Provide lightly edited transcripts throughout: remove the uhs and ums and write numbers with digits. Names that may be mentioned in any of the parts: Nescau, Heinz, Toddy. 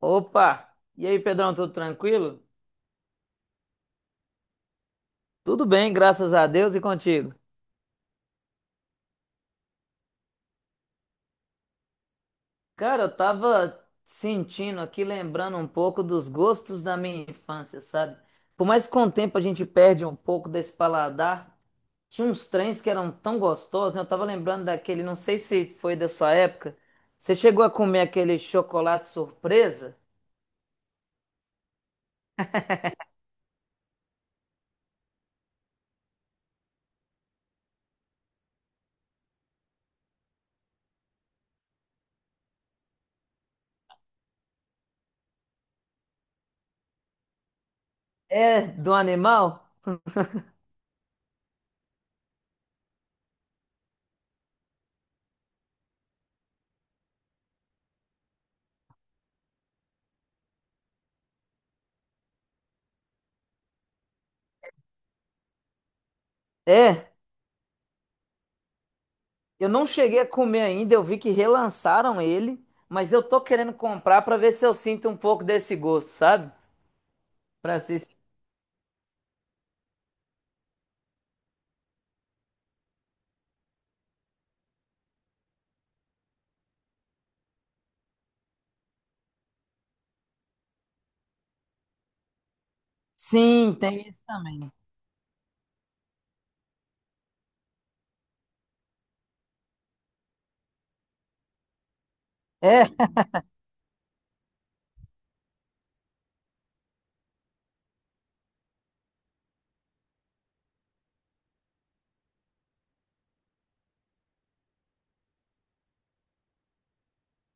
Opa! E aí, Pedrão, tudo tranquilo? Tudo bem, graças a Deus e contigo. Cara, eu tava sentindo aqui, lembrando um pouco dos gostos da minha infância, sabe? Por mais que com o tempo a gente perde um pouco desse paladar, tinha uns trens que eram tão gostosos, né? Eu tava lembrando daquele, não sei se foi da sua época. Você chegou a comer aquele chocolate surpresa? É, do animal? É. Eu não cheguei a comer ainda, eu vi que relançaram ele, mas eu tô querendo comprar pra ver se eu sinto um pouco desse gosto, sabe? Para ser Sim, tem isso também. É,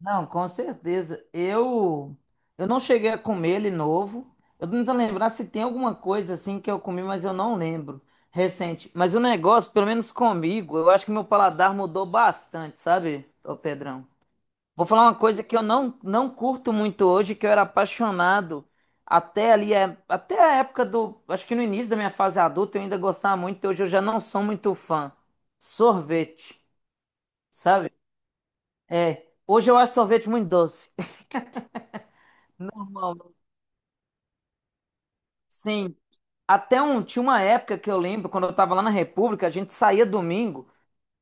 não, com certeza. Eu não cheguei a comer ele novo. Eu tô tentando lembrar se tem alguma coisa assim que eu comi, mas eu não lembro. Recente. Mas o negócio, pelo menos comigo, eu acho que meu paladar mudou bastante, sabe, ô Pedrão? Vou falar uma coisa que eu não curto muito hoje, que eu era apaixonado até ali, é, até a época do. Acho que no início da minha fase adulta eu ainda gostava muito, hoje eu já não sou muito fã. Sorvete, sabe? É. Hoje eu acho sorvete muito doce. Normal. Sim. Até um, tinha uma época que eu lembro, quando eu tava lá na República, a gente saía domingo,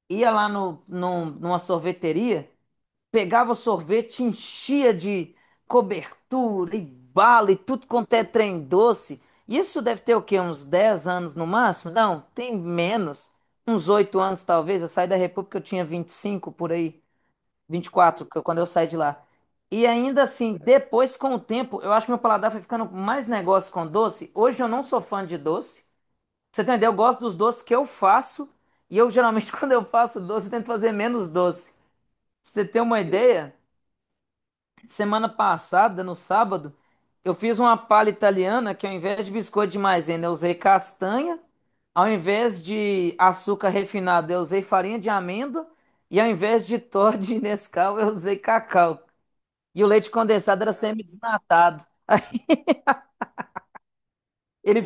ia lá no, num- numa sorveteria. Pegava o sorvete, enchia de cobertura e bala e tudo quanto é trem doce. Isso deve ter o quê? Uns 10 anos no máximo? Não, tem menos. Uns 8 anos talvez. Eu saí da República, eu tinha 25 por aí, 24, quando eu saí de lá. E ainda assim, depois com o tempo, eu acho que meu paladar foi ficando mais negócio com doce. Hoje eu não sou fã de doce. Pra você entender, eu gosto dos doces que eu faço. E eu geralmente, quando eu faço doce, eu tento fazer menos doce. Pra você ter uma ideia, semana passada, no sábado, eu fiz uma palha italiana que ao invés de biscoito de maisena, eu usei castanha. Ao invés de açúcar refinado, eu usei farinha de amêndoa. E ao invés de Toddy e Nescau, eu usei cacau. E o leite condensado era semi-desnatado. Ele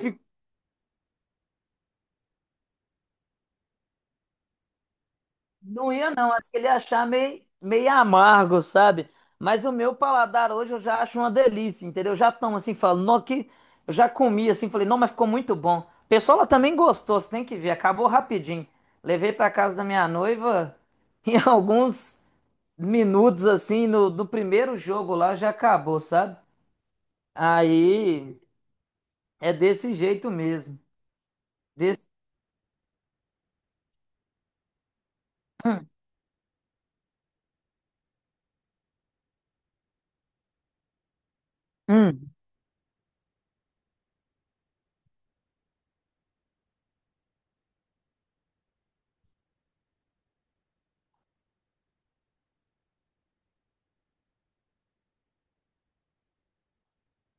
Não ia, não. Acho que ele ia achar meio, meio amargo, sabe? Mas o meu paladar hoje eu já acho uma delícia, entendeu? Eu já tomo assim, falo, não, que eu já comi assim, falei, não, mas ficou muito bom. O pessoal lá também gostou, você tem que ver, acabou rapidinho. Levei pra casa da minha noiva em alguns minutos assim, no, do primeiro jogo lá já acabou, sabe? Aí é desse jeito mesmo. Desse... Hum, hum,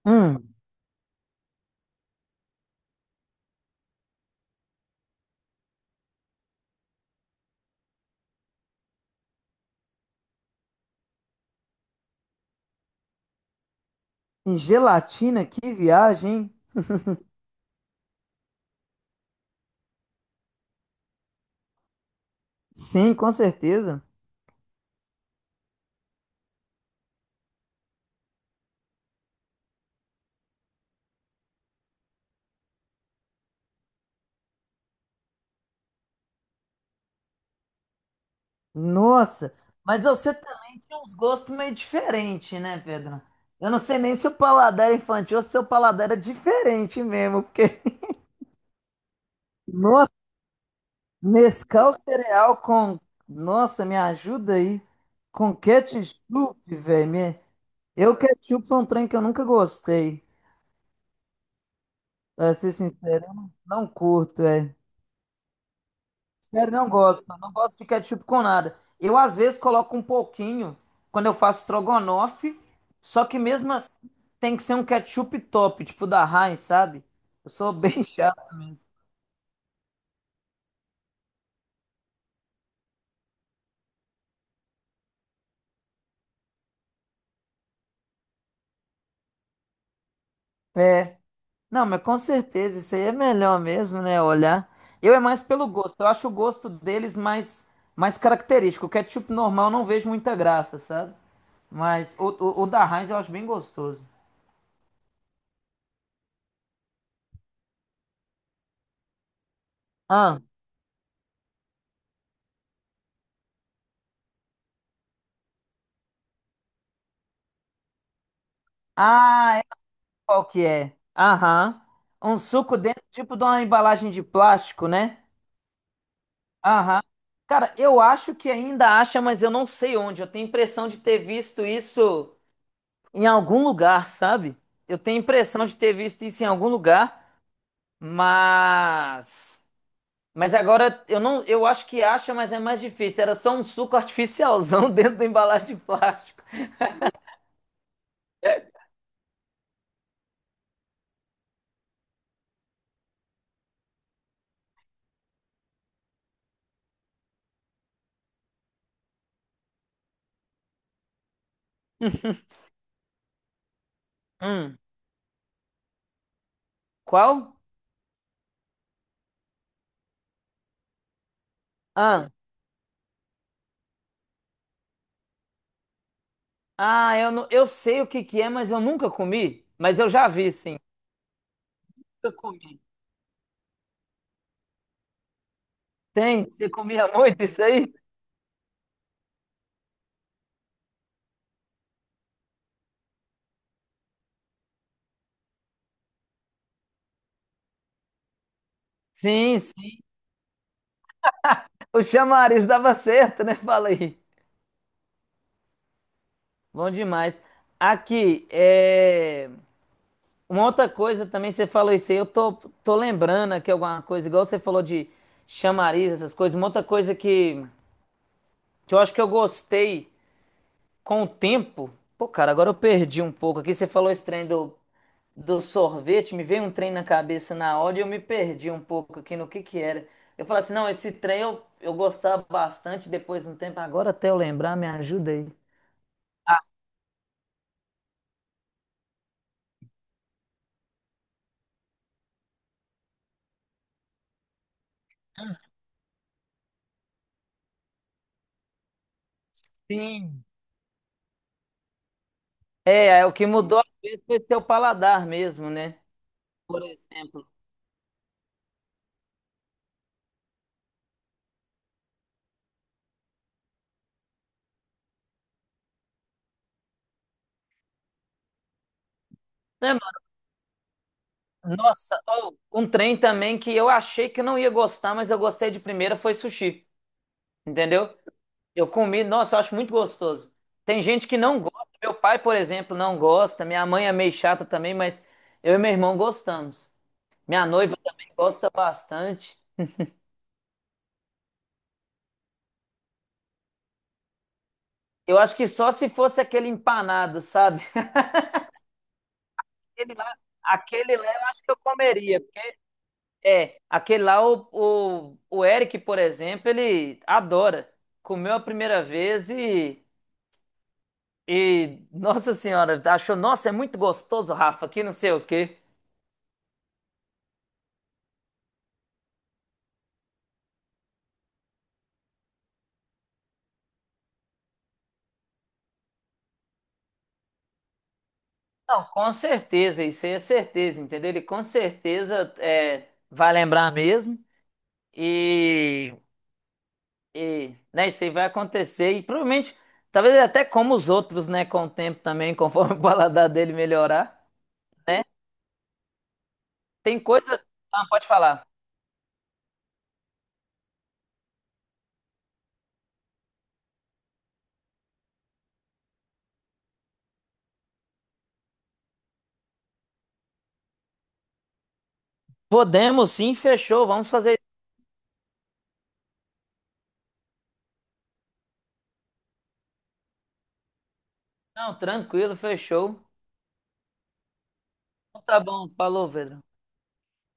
hum. Em gelatina, que viagem, hein? Sim, com certeza. Nossa, mas você também tinha uns gostos meio diferentes, né, Pedro? Eu não sei nem se o paladar é infantil ou se o seu paladar era diferente mesmo, porque, nossa, Nescau cereal com, nossa, me ajuda aí, com ketchup, velho, me... Eu ketchup foi um trem que eu nunca gostei, pra ser sincero, eu não curto, é. Sério, não gosto. Não gosto de ketchup com nada. Eu, às vezes, coloco um pouquinho quando eu faço strogonoff, só que mesmo assim tem que ser um ketchup top, tipo da Heinz, sabe? Eu sou bem chato mesmo. É. Não, mas com certeza, isso aí é melhor mesmo, né? Olhar. Eu é mais pelo gosto. Eu acho o gosto deles mais, mais característico. O ketchup normal eu não vejo muita graça, sabe? Mas o da Heinz eu acho bem gostoso. Ah, ah, qual que é? Aham. Um suco dentro, tipo de uma embalagem de plástico, né? Aham. Cara, eu acho que ainda acha, mas eu não sei onde. Eu tenho impressão de ter visto isso em algum lugar, sabe? Eu tenho impressão de ter visto isso em algum lugar, mas mas agora eu não, eu acho que acha, mas é mais difícil. Era só um suco artificialzão dentro da embalagem de plástico. Hum, qual? Ah, ah, eu não, eu sei o que que é, mas eu nunca comi, mas eu já vi, sim. Eu comi. Tem? Você comia muito isso aí? Sim, sim. O chamariz dava certo, né? Fala aí. Bom demais. Aqui, é... uma outra coisa também, você falou isso aí, eu tô, tô lembrando aqui alguma coisa, igual você falou de chamariz, essas coisas. Uma outra coisa que eu acho que eu gostei com o tempo. Pô, cara, agora eu perdi um pouco aqui. Você falou esse trem do sorvete, me veio um trem na cabeça na hora e eu me perdi um pouco aqui no que era. Eu falei assim, não, esse trem eu gostava bastante depois de um tempo. Agora até eu lembrar, me ajuda aí. Sim. É, é o que mudou às vezes foi seu paladar mesmo, né? Por exemplo. Né, mano? Nossa, ó, um trem também que eu achei que eu não ia gostar, mas eu gostei de primeira foi sushi, entendeu? Eu comi, nossa, eu acho muito gostoso. Tem gente que não gosta. Meu pai, por exemplo, não gosta. Minha mãe é meio chata também, mas eu e meu irmão gostamos. Minha noiva também gosta bastante. Eu acho que só se fosse aquele empanado, sabe? Aquele lá, aquele lá eu acho que eu comeria. É, aquele lá, o Eric, por exemplo, ele adora. Comeu a primeira vez e, nossa senhora, achou, nossa, é muito gostoso, Rafa, que não sei o quê. Não, com certeza, isso aí é certeza, entendeu? Ele com certeza é, vai lembrar mesmo e, né, isso aí vai acontecer e provavelmente, talvez ele até como os outros, né, com o tempo também, conforme o paladar dele melhorar, né? Tem coisa... Ah, pode falar. Podemos sim, fechou, vamos fazer isso. Não, tranquilo, fechou. Então, tá bom, falou, Pedro.